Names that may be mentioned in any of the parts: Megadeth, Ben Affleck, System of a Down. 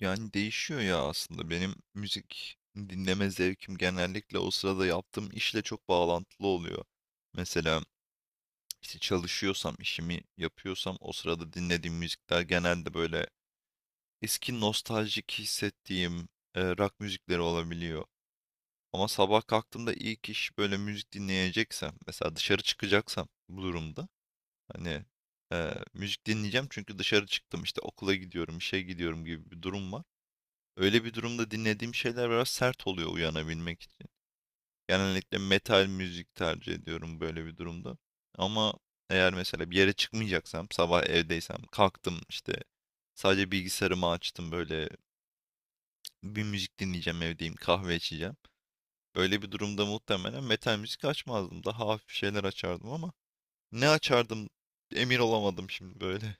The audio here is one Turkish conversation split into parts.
Yani değişiyor ya aslında. Benim müzik dinleme zevkim genellikle o sırada yaptığım işle çok bağlantılı oluyor. Mesela işte çalışıyorsam, işimi yapıyorsam o sırada dinlediğim müzikler genelde böyle eski nostaljik hissettiğim rock müzikleri olabiliyor. Ama sabah kalktığımda ilk iş böyle müzik dinleyeceksem, mesela dışarı çıkacaksam bu durumda hani müzik dinleyeceğim çünkü dışarı çıktım işte okula gidiyorum, işe gidiyorum gibi bir durum var. Öyle bir durumda dinlediğim şeyler biraz sert oluyor uyanabilmek için. Genellikle metal müzik tercih ediyorum böyle bir durumda. Ama eğer mesela bir yere çıkmayacaksam, sabah evdeysem, kalktım işte sadece bilgisayarımı açtım böyle bir müzik dinleyeceğim evdeyim, kahve içeceğim. Böyle bir durumda muhtemelen metal müzik açmazdım. Daha hafif şeyler açardım ama ne açardım emin olamadım şimdi böyle.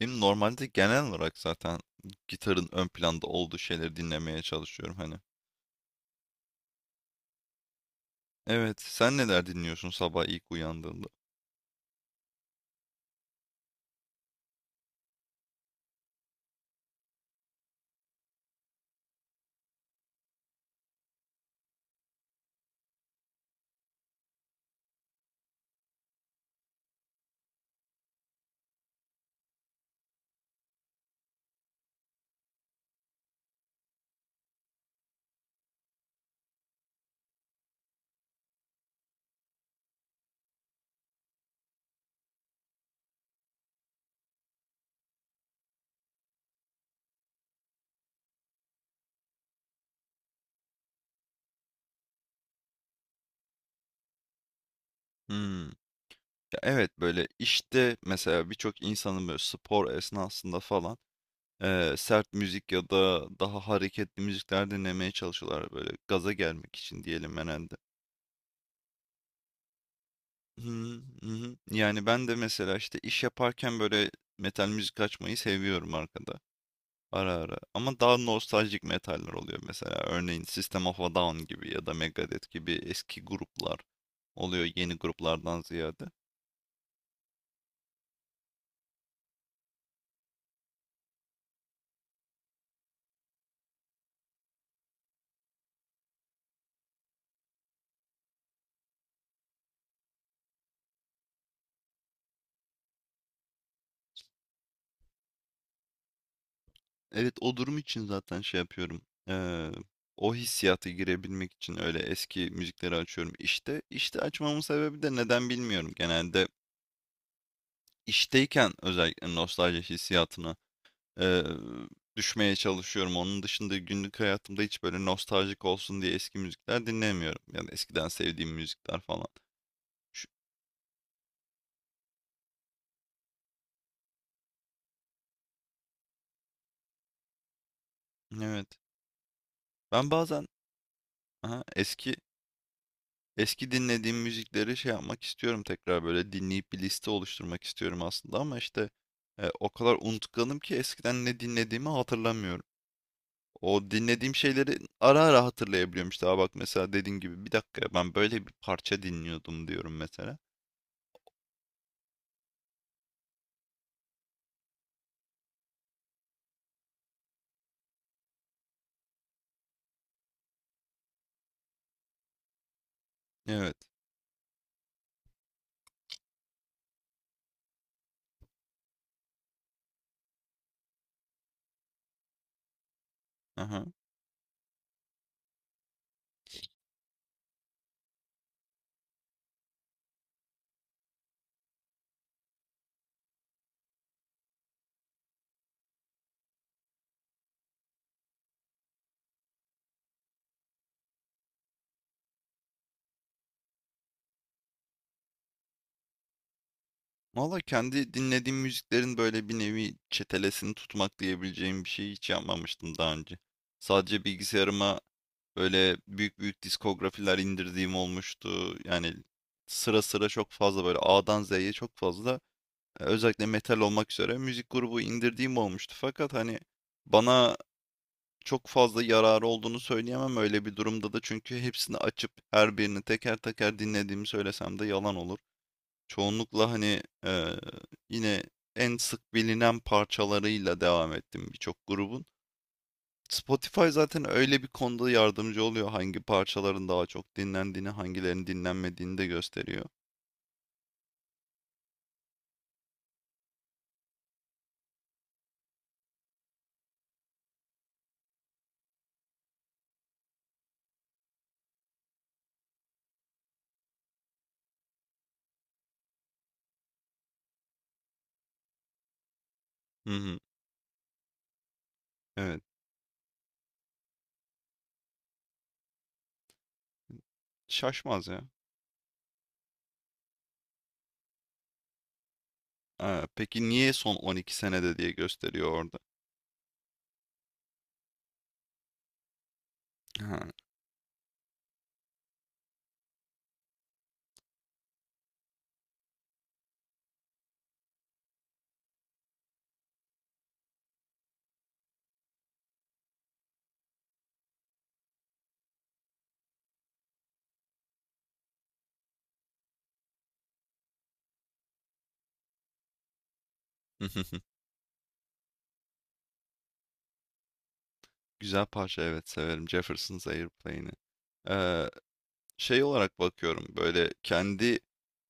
Benim normalde genel olarak zaten gitarın ön planda olduğu şeyleri dinlemeye çalışıyorum hani. Evet, sen neler dinliyorsun sabah ilk uyandığında? Hmm. Ya evet böyle işte mesela birçok insanın böyle spor esnasında falan sert müzik ya da daha hareketli müzikler dinlemeye çalışıyorlar böyle gaza gelmek için diyelim herhalde. Hı hı. Yani ben de mesela işte iş yaparken böyle metal müzik açmayı seviyorum arkada ara ara. Ama daha nostaljik metaller oluyor mesela örneğin System of a Down gibi ya da Megadeth gibi eski gruplar oluyor yeni gruplardan ziyade. Evet o durum için zaten şey yapıyorum. Eee, O hissiyata girebilmek için öyle eski müzikleri açıyorum. İşte açmamın sebebi de neden bilmiyorum. Genelde işteyken özellikle nostalji hissiyatına eee, düşmeye çalışıyorum. Onun dışında günlük hayatımda hiç böyle nostaljik olsun diye eski müzikler dinlemiyorum. Yani eskiden sevdiğim müzikler falan. Şu- evet. Ben bazen aha, eski eski dinlediğim müzikleri şey yapmak istiyorum tekrar böyle dinleyip bir liste oluşturmak istiyorum aslında ama işte o kadar unutkanım ki eskiden ne dinlediğimi hatırlamıyorum. O dinlediğim şeyleri ara ara hatırlayabiliyorum işte. Aa bak mesela dediğin gibi bir dakika ben böyle bir parça dinliyordum diyorum mesela. Evet. Aha. Valla kendi dinlediğim müziklerin böyle bir nevi çetelesini tutmak diyebileceğim bir şey hiç yapmamıştım daha önce. Sadece bilgisayarıma böyle büyük büyük diskografiler indirdiğim olmuştu. Yani sıra sıra çok fazla böyle A'dan Z'ye çok fazla özellikle metal olmak üzere müzik grubu indirdiğim olmuştu. Fakat hani bana çok fazla yararı olduğunu söyleyemem öyle bir durumda da çünkü hepsini açıp her birini teker teker dinlediğimi söylesem de yalan olur. Çoğunlukla hani yine en sık bilinen parçalarıyla devam ettim birçok grubun. Spotify zaten öyle bir konuda yardımcı oluyor. Hangi parçaların daha çok dinlendiğini, hangilerinin dinlenmediğini de gösteriyor. Hı hı. Evet. Şaşmaz ya. Ha, peki niye son 12 senede diye gösteriyor orada? Ha. Güzel parça evet severim. Jefferson's Airplane'i. Eee, Şey olarak bakıyorum böyle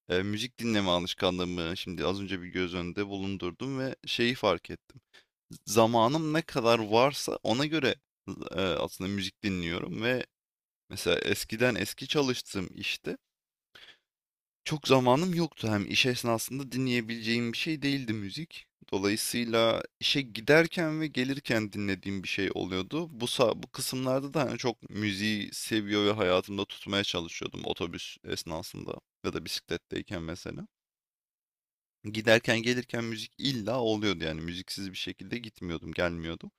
Müzik dinleme alışkanlığımı şimdi az önce bir göz önünde bulundurdum ve şeyi fark ettim. Zamanım ne kadar varsa ona göre, aslında müzik dinliyorum ve mesela eskiden eski çalıştığım işte çok zamanım yoktu. Hem iş esnasında dinleyebileceğim bir şey değildi müzik. Dolayısıyla işe giderken ve gelirken dinlediğim bir şey oluyordu. Bu kısımlarda da, hani, çok müziği seviyor ve hayatımda tutmaya çalışıyordum otobüs esnasında ya da bisikletteyken mesela. Giderken gelirken müzik illa oluyordu yani müziksiz bir şekilde gitmiyordum, gelmiyordum.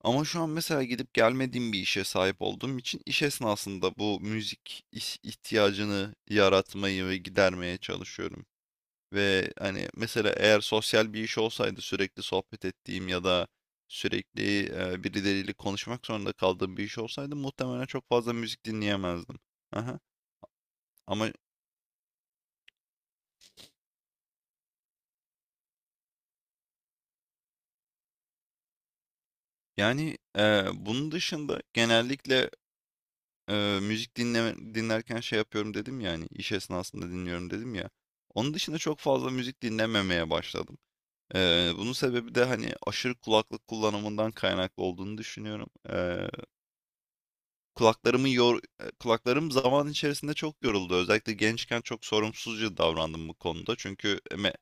Ama şu an mesela gidip gelmediğim bir işe sahip olduğum için iş esnasında bu müzik ihtiyacını yaratmayı ve gidermeye çalışıyorum. Ve hani mesela eğer sosyal bir iş olsaydı sürekli sohbet ettiğim ya da sürekli birileriyle konuşmak zorunda kaldığım bir iş olsaydı muhtemelen çok fazla müzik dinleyemezdim. Aha. Ama yani bunun dışında genellikle müzik dinlerken şey yapıyorum dedim ya hani iş esnasında dinliyorum dedim ya. Onun dışında çok fazla müzik dinlememeye başladım. Bunun sebebi de hani aşırı kulaklık kullanımından kaynaklı olduğunu düşünüyorum. Kulaklarımı yor kulaklarım zaman içerisinde çok yoruldu. Özellikle gençken çok sorumsuzca davrandım bu konuda. Çünkü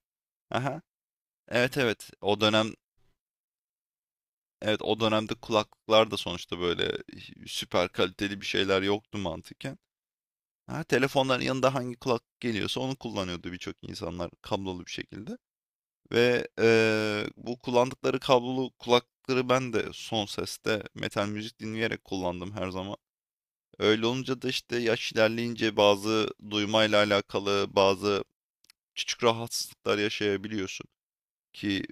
aha, evet, o dönem evet o dönemde kulaklıklar da sonuçta böyle süper kaliteli bir şeyler yoktu mantıken. Ha, telefonların yanında hangi kulaklık geliyorsa onu kullanıyordu birçok insanlar kablolu bir şekilde. Ve bu kullandıkları kablolu kulaklıkları ben de son seste metal müzik dinleyerek kullandım her zaman. Öyle olunca da işte yaş ilerleyince bazı duymayla alakalı bazı küçük rahatsızlıklar yaşayabiliyorsun. Ki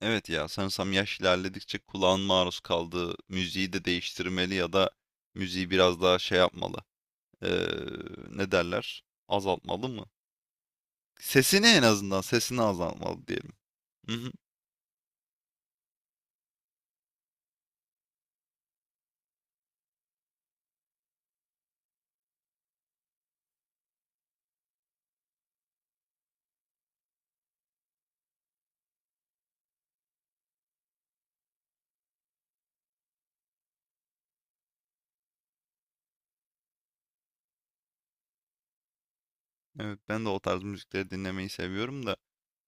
evet ya, sanırsam yaş ilerledikçe kulağın maruz kaldığı müziği de değiştirmeli ya da müziği biraz daha şey yapmalı. Eee, Ne derler? Azaltmalı mı? Sesini, en azından sesini azaltmalı diyelim. Hı hı. Evet ben de o tarz müzikleri dinlemeyi seviyorum da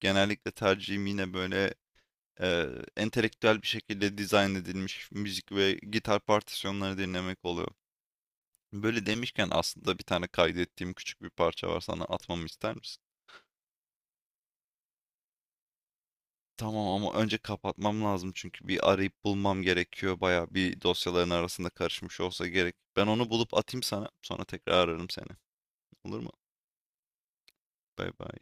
genellikle tercihim yine böyle e, entelektüel bir şekilde dizayn edilmiş müzik ve gitar partisyonları dinlemek oluyor. Böyle demişken aslında bir tane kaydettiğim küçük bir parça var, sana atmamı ister misin? Tamam ama önce kapatmam lazım çünkü bir arayıp bulmam gerekiyor. Baya bir dosyaların arasında karışmış olsa gerek. Ben onu bulup atayım sana, sonra tekrar ararım seni. Olur mu? Bay bay.